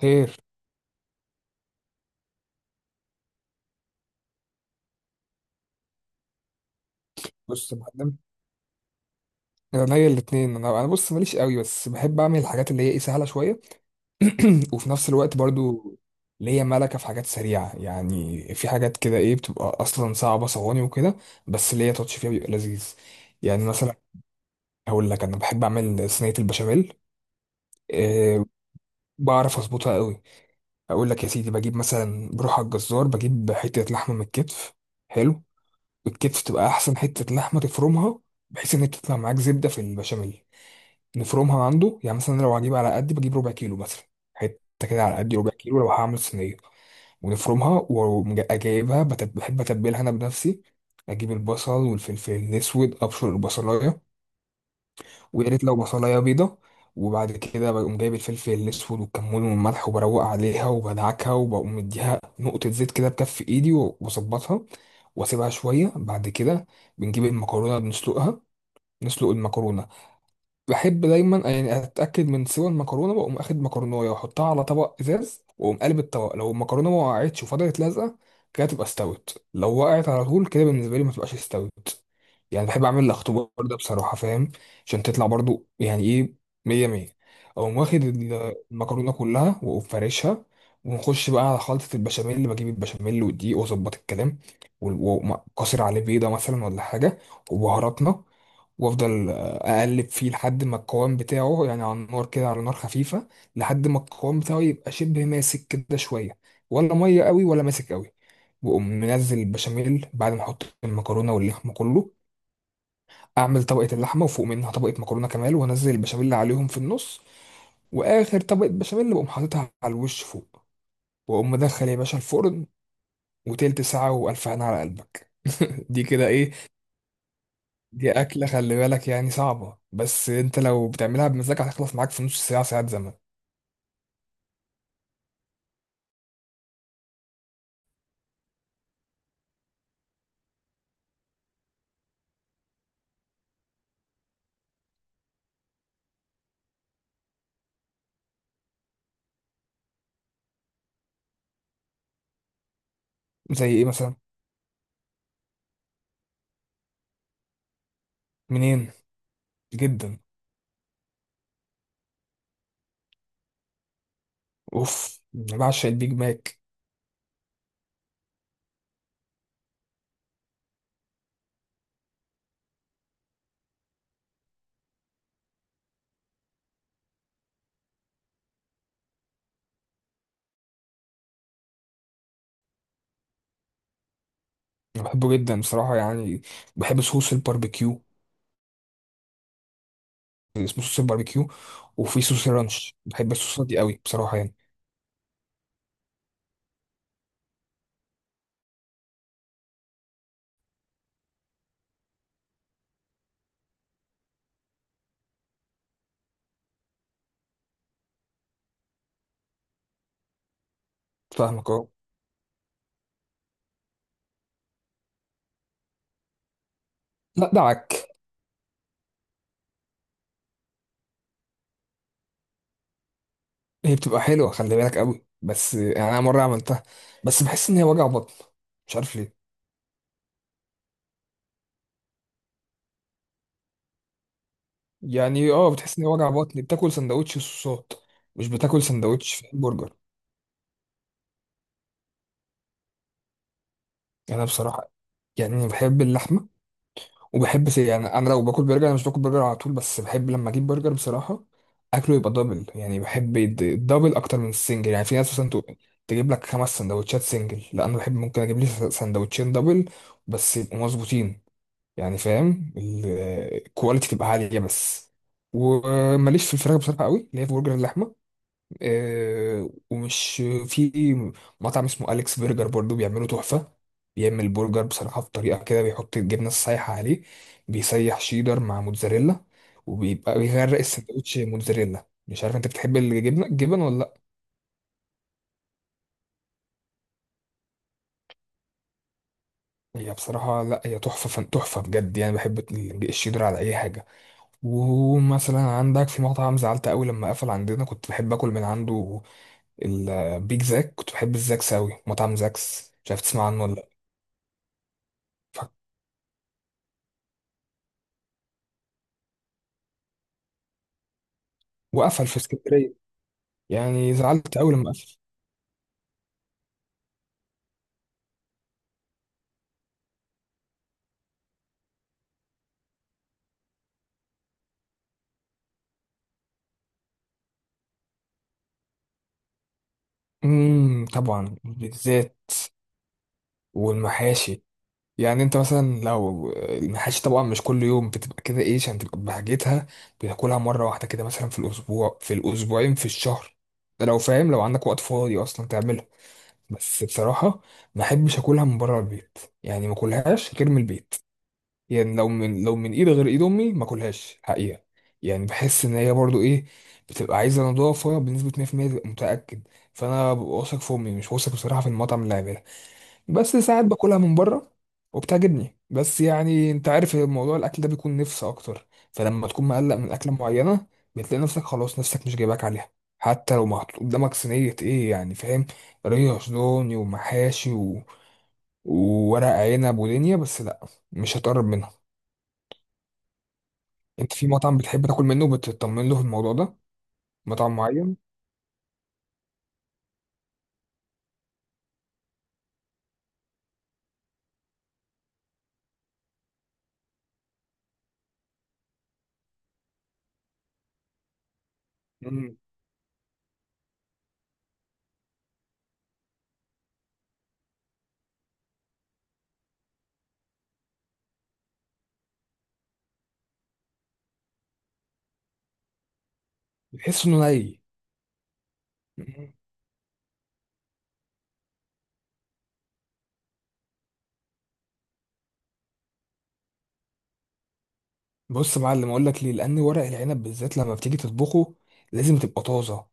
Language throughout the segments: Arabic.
خير. بص يا معلم، انا ليا الاثنين. انا بص ماليش قوي، بس بحب اعمل الحاجات اللي هي ايه، سهله شويه. وفي نفس الوقت برضو ليا ملكه في حاجات سريعه. يعني في حاجات كده ايه، بتبقى اصلا صعبه، صواني وكده، بس ليا تاتش فيها بيبقى لذيذ. يعني مثلا، هقول لك انا بحب اعمل صينيه البشاميل. أه، بعرف اظبطها قوي. اقول لك يا سيدي، بجيب مثلا، بروح على الجزار بجيب حته لحمه من الكتف. حلو. الكتف تبقى احسن حته لحمه. تفرمها بحيث ان هي تطلع معاك زبده في البشاميل. نفرمها عنده. يعني مثلا أنا لو هجيب، على قد بجيب ربع كيلو مثلا، حته كده على قد ربع كيلو لو هعمل صينيه. ونفرمها وجايبها، بحب اتبلها انا بنفسي. اجيب البصل والفلفل الاسود، ابشر البصلايه، ويا ريت لو بصلايه بيضه. وبعد كده بقوم جايب الفلفل الاسود والكمون والملح، وبروق عليها وبدعكها، وبقوم مديها نقطه زيت كده بكف ايدي واظبطها، واسيبها شويه. بعد كده بنجيب المكرونه بنسلقها. نسلق المكرونه. بحب دايما يعني اتاكد من سوى المكرونه، واقوم اخد مكرونه واحطها على طبق ازاز، واقوم قلب الطبق. لو المكرونه ما وقعتش وفضلت لازقه كده تبقى استوت. لو وقعت على طول كده، بالنسبه لي ما تبقاش استوت. يعني بحب اعمل الاختبار ده بصراحه، فاهم؟ عشان تطلع برضو يعني ايه، مية مية. اقوم واخد المكرونه كلها واقوم فارشها. ونخش بقى على خلطه البشاميل، اللي بجيب البشاميل والدقيق واظبط الكلام، وقاسر عليه بيضه مثلا ولا حاجه، وبهاراتنا. وافضل اقلب فيه لحد ما القوام بتاعه يعني على النار كده، على نار خفيفه، لحد ما القوام بتاعه يبقى شبه ماسك كده شويه، ولا ميه قوي ولا ماسك قوي. واقوم منزل البشاميل بعد ما احط المكرونه واللحمه كله. اعمل طبقه اللحمه وفوق منها طبقه مكرونه كمان وانزل البشاميل عليهم في النص. واخر طبقه بشاميل بقوم حاططها على الوش فوق، واقوم مدخل يا باشا الفرن. وتلت ساعه والف هنا على قلبك. دي كده ايه؟ دي أكلة خلي بالك يعني صعبة، بس أنت لو بتعملها بمزاج هتخلص معاك في نص ساعة، ساعات زمن. زي إيه مثلا؟ منين؟ جدا. أوف، أنا بعشق البيج ماك. أنا بحبه جدا بصراحة يعني. بحب صوص الباربيكيو، اسمه صوص الباربيكيو. وفي صوص الرانش، بحب الصوصات دي قوي بصراحة يعني. فاهمك أهو. لا دعك. هي بتبقى حلوة خلي بالك قوي، بس يعني أنا مرة عملتها، بس بحس إن هي وجع بطن، مش عارف ليه. يعني أه بتحس إن هي وجع بطن، بتاكل سندوتش صوصات مش بتاكل سندوتش في برجر. يعني انا بصراحه، يعني بحب اللحمه. يعني انا لو باكل برجر، انا مش باكل برجر على طول، بس بحب لما اجيب برجر بصراحه اكله يبقى دبل. يعني بحب الدبل اكتر من السنجل. يعني في ناس مثلا تجيب لك خمس سندوتشات سنجل، لا انا بحب ممكن اجيب لي سندوتشين دبل بس يبقوا مظبوطين. يعني فاهم، الكواليتي تبقى عاليه بس. وماليش في الفراخ بصراحه قوي، اللي هي في برجر اللحمه. ومش في مطعم اسمه أليكس برجر برضو بيعملوا تحفة. بيعمل برجر بصراحة بطريقة كده بيحط الجبنة السايحة عليه، بيسيح شيدر مع موتزاريلا، وبيبقى بيغرق السندوتش موتزاريلا. مش عارف انت بتحب الجبنة، الجبن ولا لا؟ هي بصراحة لا، هي تحفة فن، تحفة بجد. يعني بحب الشيدر على أي حاجة. ومثلا عندك في مطعم زعلت قوي لما قفل عندنا، كنت بحب اكل من عنده، البيج زاك. كنت بحب الزاكس قوي، مطعم زاكس، مش عارف تسمع عنه ولا لأ. وقفل في اسكندرية. يعني زعلت أوي لما قفل. طبعا، بالذات، والمحاشي. يعني انت مثلا لو المحاشي، طبعا مش كل يوم بتبقى كده ايه عشان تبقى بحاجتها، بتاكلها مرة واحدة كده مثلا في الأسبوع، في الأسبوعين، في الشهر. ده لو فاهم لو عندك وقت فاضي أصلا تعملها. بس بصراحة ما أحبش أكلها من بره البيت، يعني ما أكلهاش غير من البيت. يعني لو من، لو من ايد غير ايد امي ما اكلهاش حقيقه. يعني بحس ان هي برضو ايه، بتبقى عايزه نضافه بنسبه 100% تبقى متاكد. فانا ببقى واثق في امي، مش واثق بصراحه في المطعم اللي عاملها. بس ساعات باكلها من بره وبتعجبني، بس يعني انت عارف الموضوع الاكل ده بيكون نفس اكتر، فلما تكون مقلق من اكله معينه بتلاقي نفسك خلاص نفسك مش جايباك عليها. حتى لو محطوط قدامك صينيه ايه يعني فاهم، ريش دوني ومحاشي وورق عنب ودنيا، بس لا مش هتقرب منها. انت في مطعم بتحب تاكل منه بتطمن له في الموضوع ده، مطعم معين. مم. بتحس انه ني. مم. بص يا معلم اقول لك ليه. لان ورق العنب بالذات لما بتيجي تطبخه لازم تبقى طازه.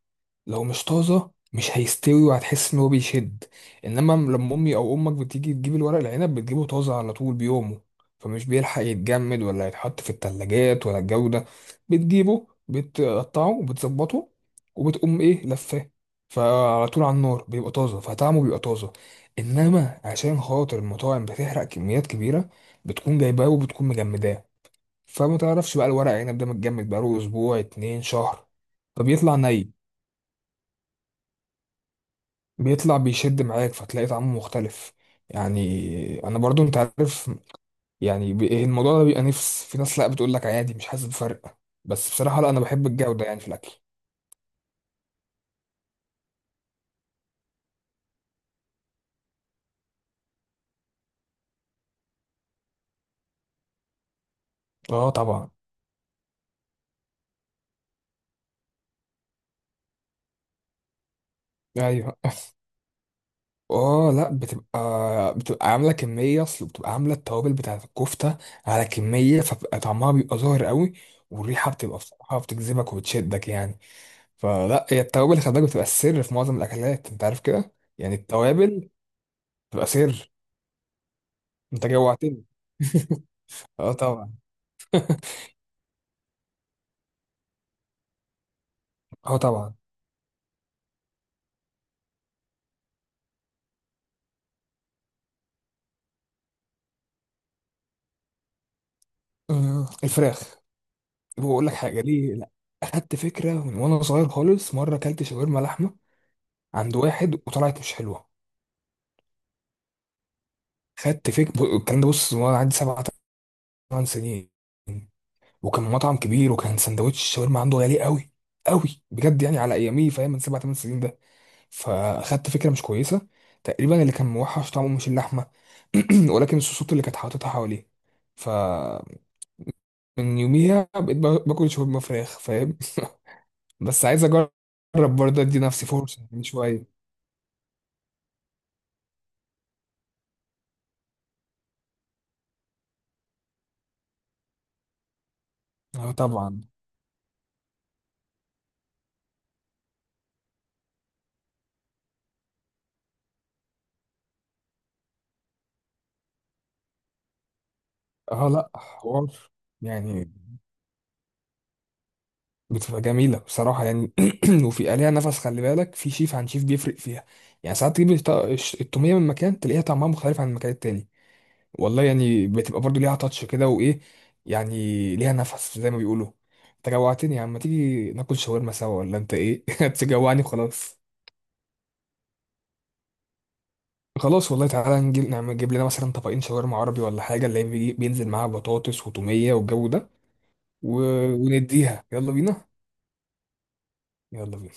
لو مش طازه مش هيستوي وهتحس ان هو بيشد. انما لما امي او امك بتيجي تجيب الورق العنب بتجيبه طازه على طول بيومه، فمش بيلحق يتجمد ولا يتحط في التلاجات ولا الجو ده. بتجيبه بتقطعه وبتظبطه، وبتقوم ايه لفاه، فعلى طول على النار بيبقى طازه فطعمه بيبقى طازه. انما عشان خاطر المطاعم بتحرق كميات كبيره، بتكون جايباه وبتكون مجمداه، فما تعرفش بقى الورق عنب ده متجمد بقاله اسبوع، اتنين شهر، فبيطلع ني. بيطلع بيشد معاك، فتلاقي طعمه مختلف. يعني انا برضو انت عارف، يعني الموضوع ده بيبقى نفس. في ناس لا بتقول لك عادي مش حاسس بفرق، بس بصراحة لا، انا بحب الجودة يعني في الاكل. اه طبعا. ايوه. اه لا، بتبقى بتبقى عامله كميه، اصل بتبقى عامله التوابل بتاعت الكفته على كميه، فبقى طعمها بيبقى ظاهر قوي، والريحه بتبقى بصراحه بتجذبك وبتشدك يعني. فلا هي التوابل خلي بالك بتبقى السر في معظم الاكلات، انت عارف كده، يعني التوابل بتبقى سر. انت جوعتني. اه طبعا. اه طبعا. الفراخ. بقول لك حاجه ليه لا، اخدت فكره من وانا صغير خالص، مره اكلت شاورما لحمه عند واحد وطلعت مش حلوه. خدت فكره الكلام ده، بص وانا عندي سبع، ثمان سنين، وكان مطعم كبير وكان سندوتش الشاورما عنده غالي قوي، قوي بجد يعني على ايامي، فاهم؟ من سبع ثمان سنين ده. فاخدت فكره مش كويسه. تقريبا اللي كان موحش طعمه مش اللحمه، ولكن الصوصات اللي كانت حاططها حواليه. فمن يوميها بقيت باكل شاورما فراخ، فاهم؟ بس عايز اجرب برضه، ادي نفسي فرصه من شويه. اه طبعا. اه لا، حوار. يعني بتبقى جميله بصراحه يعني. وفي عليها نفس، خلي بالك في شيف عن شيف بيفرق فيها. يعني ساعات تجيب التوميه من مكان تلاقيها طعمها مختلف عن المكان التاني. والله يعني بتبقى برضو ليها تاتش كده وايه، يعني ليها نفس زي ما بيقولوا. انت جوعتني يا عم، ما تيجي ناكل شاورما سوا ولا انت ايه؟ تجوعني وخلاص. خلاص والله، تعالى نجيب، نعمل، نجيب لنا مثلا طبقين شاورما عربي ولا حاجه، اللي هي بينزل معاها بطاطس وتوميه والجو ده، و... ونديها يلا بينا. يلا بينا.